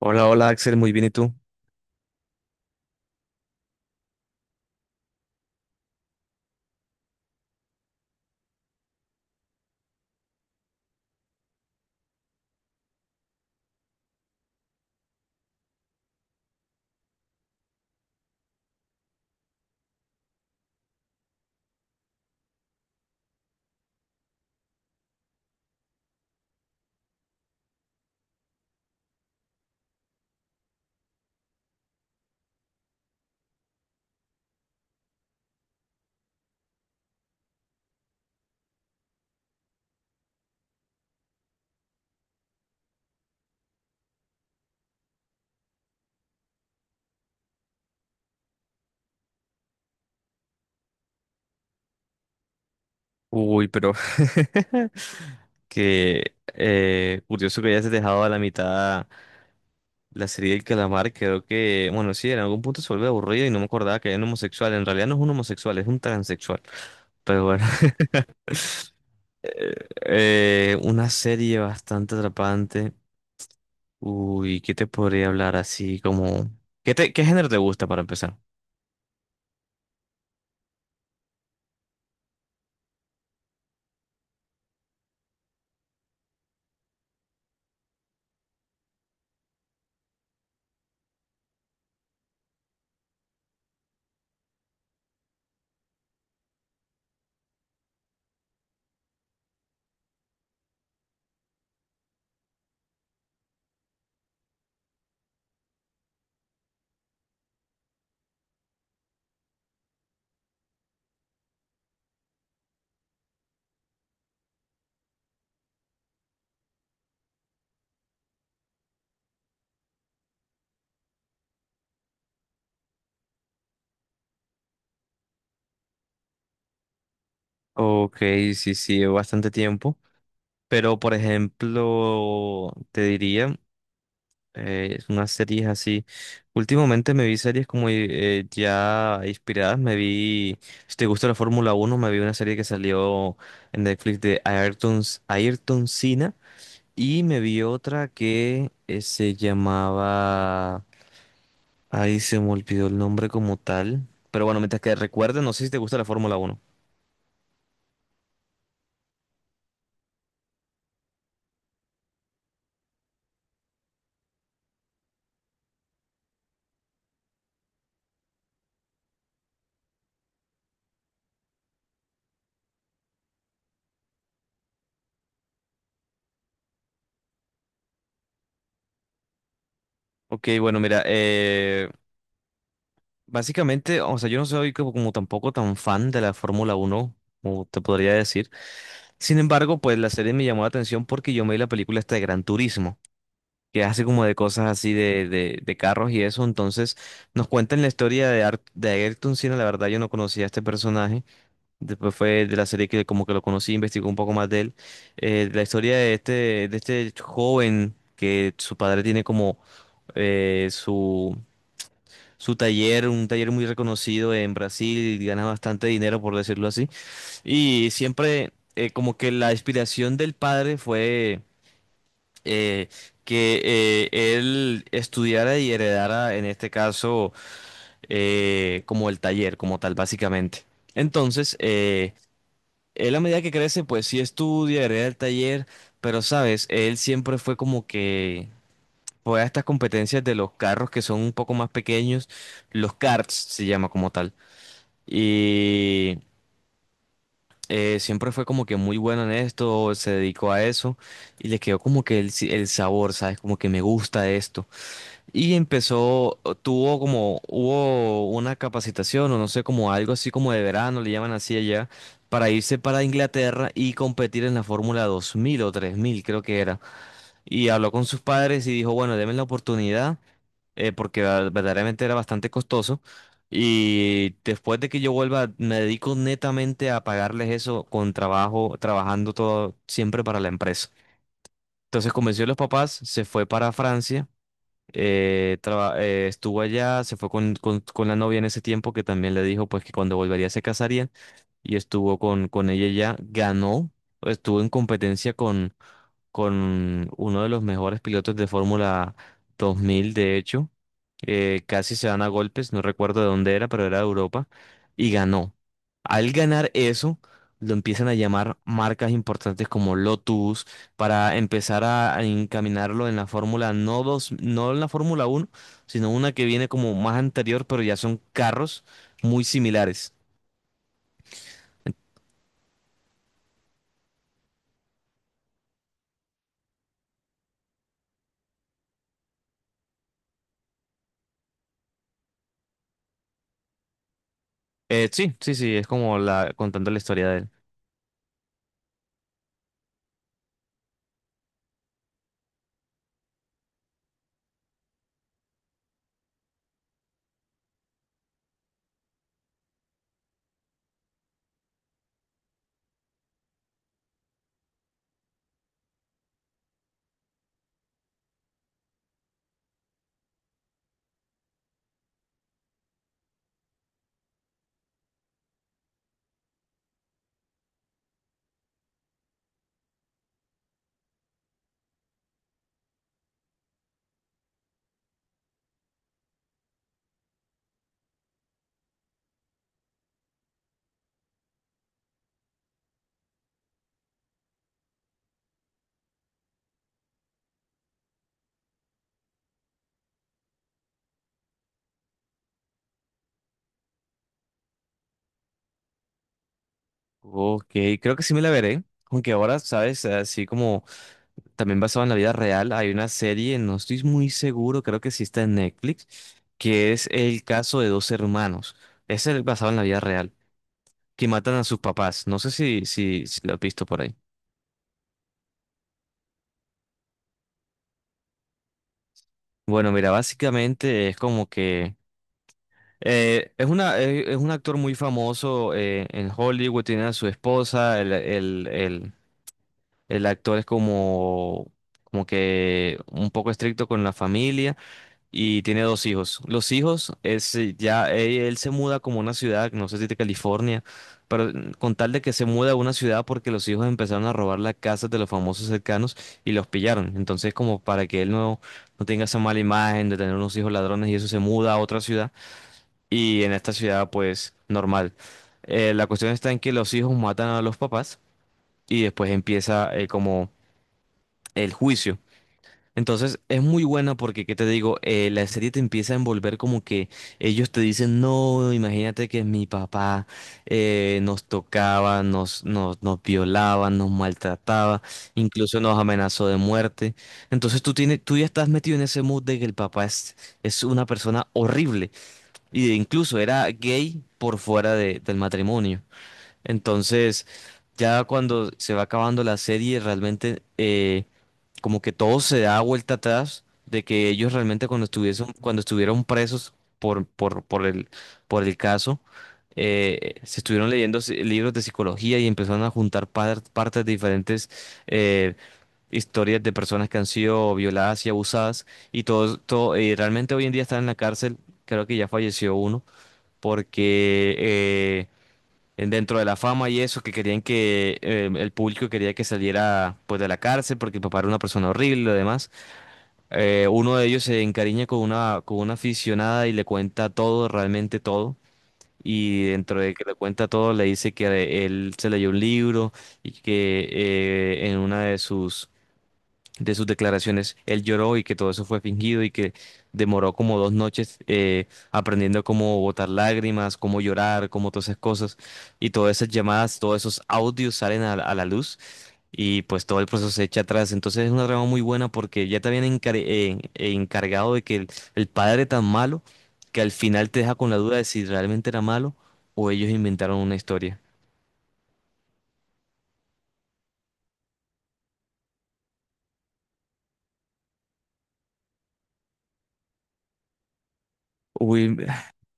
Hola, hola Axel, muy bien, ¿y tú? Uy, pero que curioso que hayas dejado a la mitad la serie del calamar. Creo que, bueno, sí, en algún punto se vuelve aburrido y no me acordaba que era un homosexual. En realidad no es un homosexual, es un transexual, pero bueno. Eh, una serie bastante atrapante. Uy, ¿qué te podría hablar así como... ¿Qué género te gusta para empezar? Ok, sí, sí, bastante tiempo. Pero, por ejemplo, te diría, unas series así. Últimamente me vi series como ya inspiradas. Me vi, si te gusta la Fórmula uno, me vi una serie que salió en Netflix de Ayrton, Ayrton Senna. Y me vi otra que se llamaba... Ahí se me olvidó el nombre como tal. Pero bueno, mientras que recuerdes, no sé si te gusta la Fórmula uno. Ok, bueno, mira, básicamente, o sea, yo no soy como, como tampoco tan fan de la Fórmula uno como te podría decir. Sin embargo, pues la serie me llamó la atención porque yo me vi la película esta de Gran Turismo, que hace como de cosas así de carros y eso. Entonces, nos cuentan la historia de, de Ayrton Senna. La verdad, yo no conocía a este personaje. Después fue de la serie que como que lo conocí, investigó un poco más de él. La historia de este joven, que su padre tiene como eh, su su taller, un taller muy reconocido en Brasil, y gana bastante dinero, por decirlo así. Y siempre como que la inspiración del padre fue eh, que él estudiara y heredara, en este caso, como el taller, como tal, básicamente. Entonces, él, a medida que crece, pues sí estudia, hereda el taller, pero sabes, él siempre fue como que... Fue a estas competencias de los carros que son un poco más pequeños, los karts se llama como tal. Y siempre fue como que muy bueno en esto, se dedicó a eso y le quedó como que el, el sabor, ¿sabes? Como que me gusta esto. Y empezó, tuvo como, hubo una capacitación o no sé, como algo así como de verano, le llaman así allá, para irse para Inglaterra y competir en la Fórmula 2000 o 3000, creo que era. Y habló con sus padres y dijo, bueno, denme la oportunidad porque verdaderamente era bastante costoso. Y después de que yo vuelva, me dedico netamente a pagarles eso con trabajo, trabajando todo siempre para la empresa. Entonces convenció a los papás, se fue para Francia, estuvo allá, se fue con la novia en ese tiempo, que también le dijo pues que cuando volvería se casarían, y estuvo con ella. Ya ganó, estuvo en competencia con uno de los mejores pilotos de Fórmula 2000, de hecho. Casi se dan a golpes, no recuerdo de dónde era, pero era de Europa, y ganó. Al ganar eso, lo empiezan a llamar marcas importantes como Lotus para empezar a encaminarlo en la Fórmula, no dos, no en la Fórmula 1, sino una que viene como más anterior, pero ya son carros muy similares. Sí, sí, sí, es como contando la historia de él. Ok, creo que sí me la veré. Aunque ahora, sabes, así como también basado en la vida real, hay una serie, no estoy muy seguro, creo que sí está en Netflix, que es el caso de dos hermanos. Es el basado en la vida real, que matan a sus papás. No sé si lo has visto por ahí. Bueno, mira, básicamente es como que es un actor muy famoso en Hollywood, tiene a su esposa, el actor es como que un poco estricto con la familia. Y tiene dos hijos. Los hijos es ya él se muda como a una ciudad, no sé si de California, pero con tal de que se muda a una ciudad porque los hijos empezaron a robar las casas de los famosos cercanos y los pillaron. Entonces, como para que él no tenga esa mala imagen de tener unos hijos ladrones y eso, se muda a otra ciudad, y en esta ciudad pues normal. La cuestión está en que los hijos matan a los papás y después empieza como el juicio. Entonces es muy buena porque, ¿qué te digo? La serie te empieza a envolver como que ellos te dicen, no, imagínate que mi papá nos tocaba, nos violaba, nos maltrataba, incluso nos amenazó de muerte. Entonces tú ya estás metido en ese mood de que el papá es una persona horrible, y incluso era gay por fuera del matrimonio. Entonces... Ya cuando se va acabando la serie, realmente como que todo se da vuelta atrás, de que ellos realmente cuando estuvieron presos por el caso, se estuvieron leyendo libros de psicología y empezaron a juntar partes de diferentes eh, historias de personas que han sido violadas y abusadas, y todo, todo, y realmente hoy en día están en la cárcel, creo que ya falleció uno, porque dentro de la fama y eso, que querían que el público quería que saliera pues de la cárcel porque el papá era una persona horrible y lo demás. Uno de ellos se encariña con una aficionada y le cuenta todo, realmente todo. Y dentro de que le cuenta todo, le dice que él se leyó un libro y que en una de sus declaraciones él lloró, y que todo eso fue fingido y que demoró como dos noches aprendiendo cómo botar lágrimas, cómo llorar, cómo todas esas cosas. Y todas esas llamadas, todos esos audios salen a la luz, y pues todo el proceso se echa atrás. Entonces es una trama muy buena porque ya te habían encargado de que el padre tan malo, que al final te deja con la duda de si realmente era malo o ellos inventaron una historia. Uy,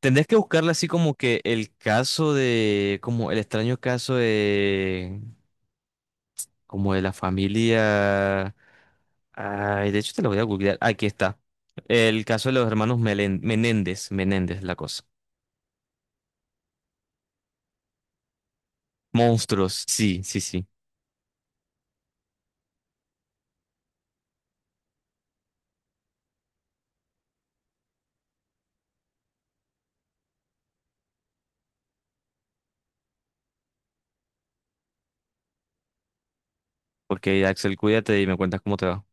tendrías que buscarle así como que el caso de, como el extraño caso de, como de la familia. Ay, de hecho te lo voy a googlear. Aquí está. El caso de los hermanos Menéndez, Menéndez, la cosa. Monstruos, sí, sí, sí. Porque Axel, cuídate y me cuentas cómo te va.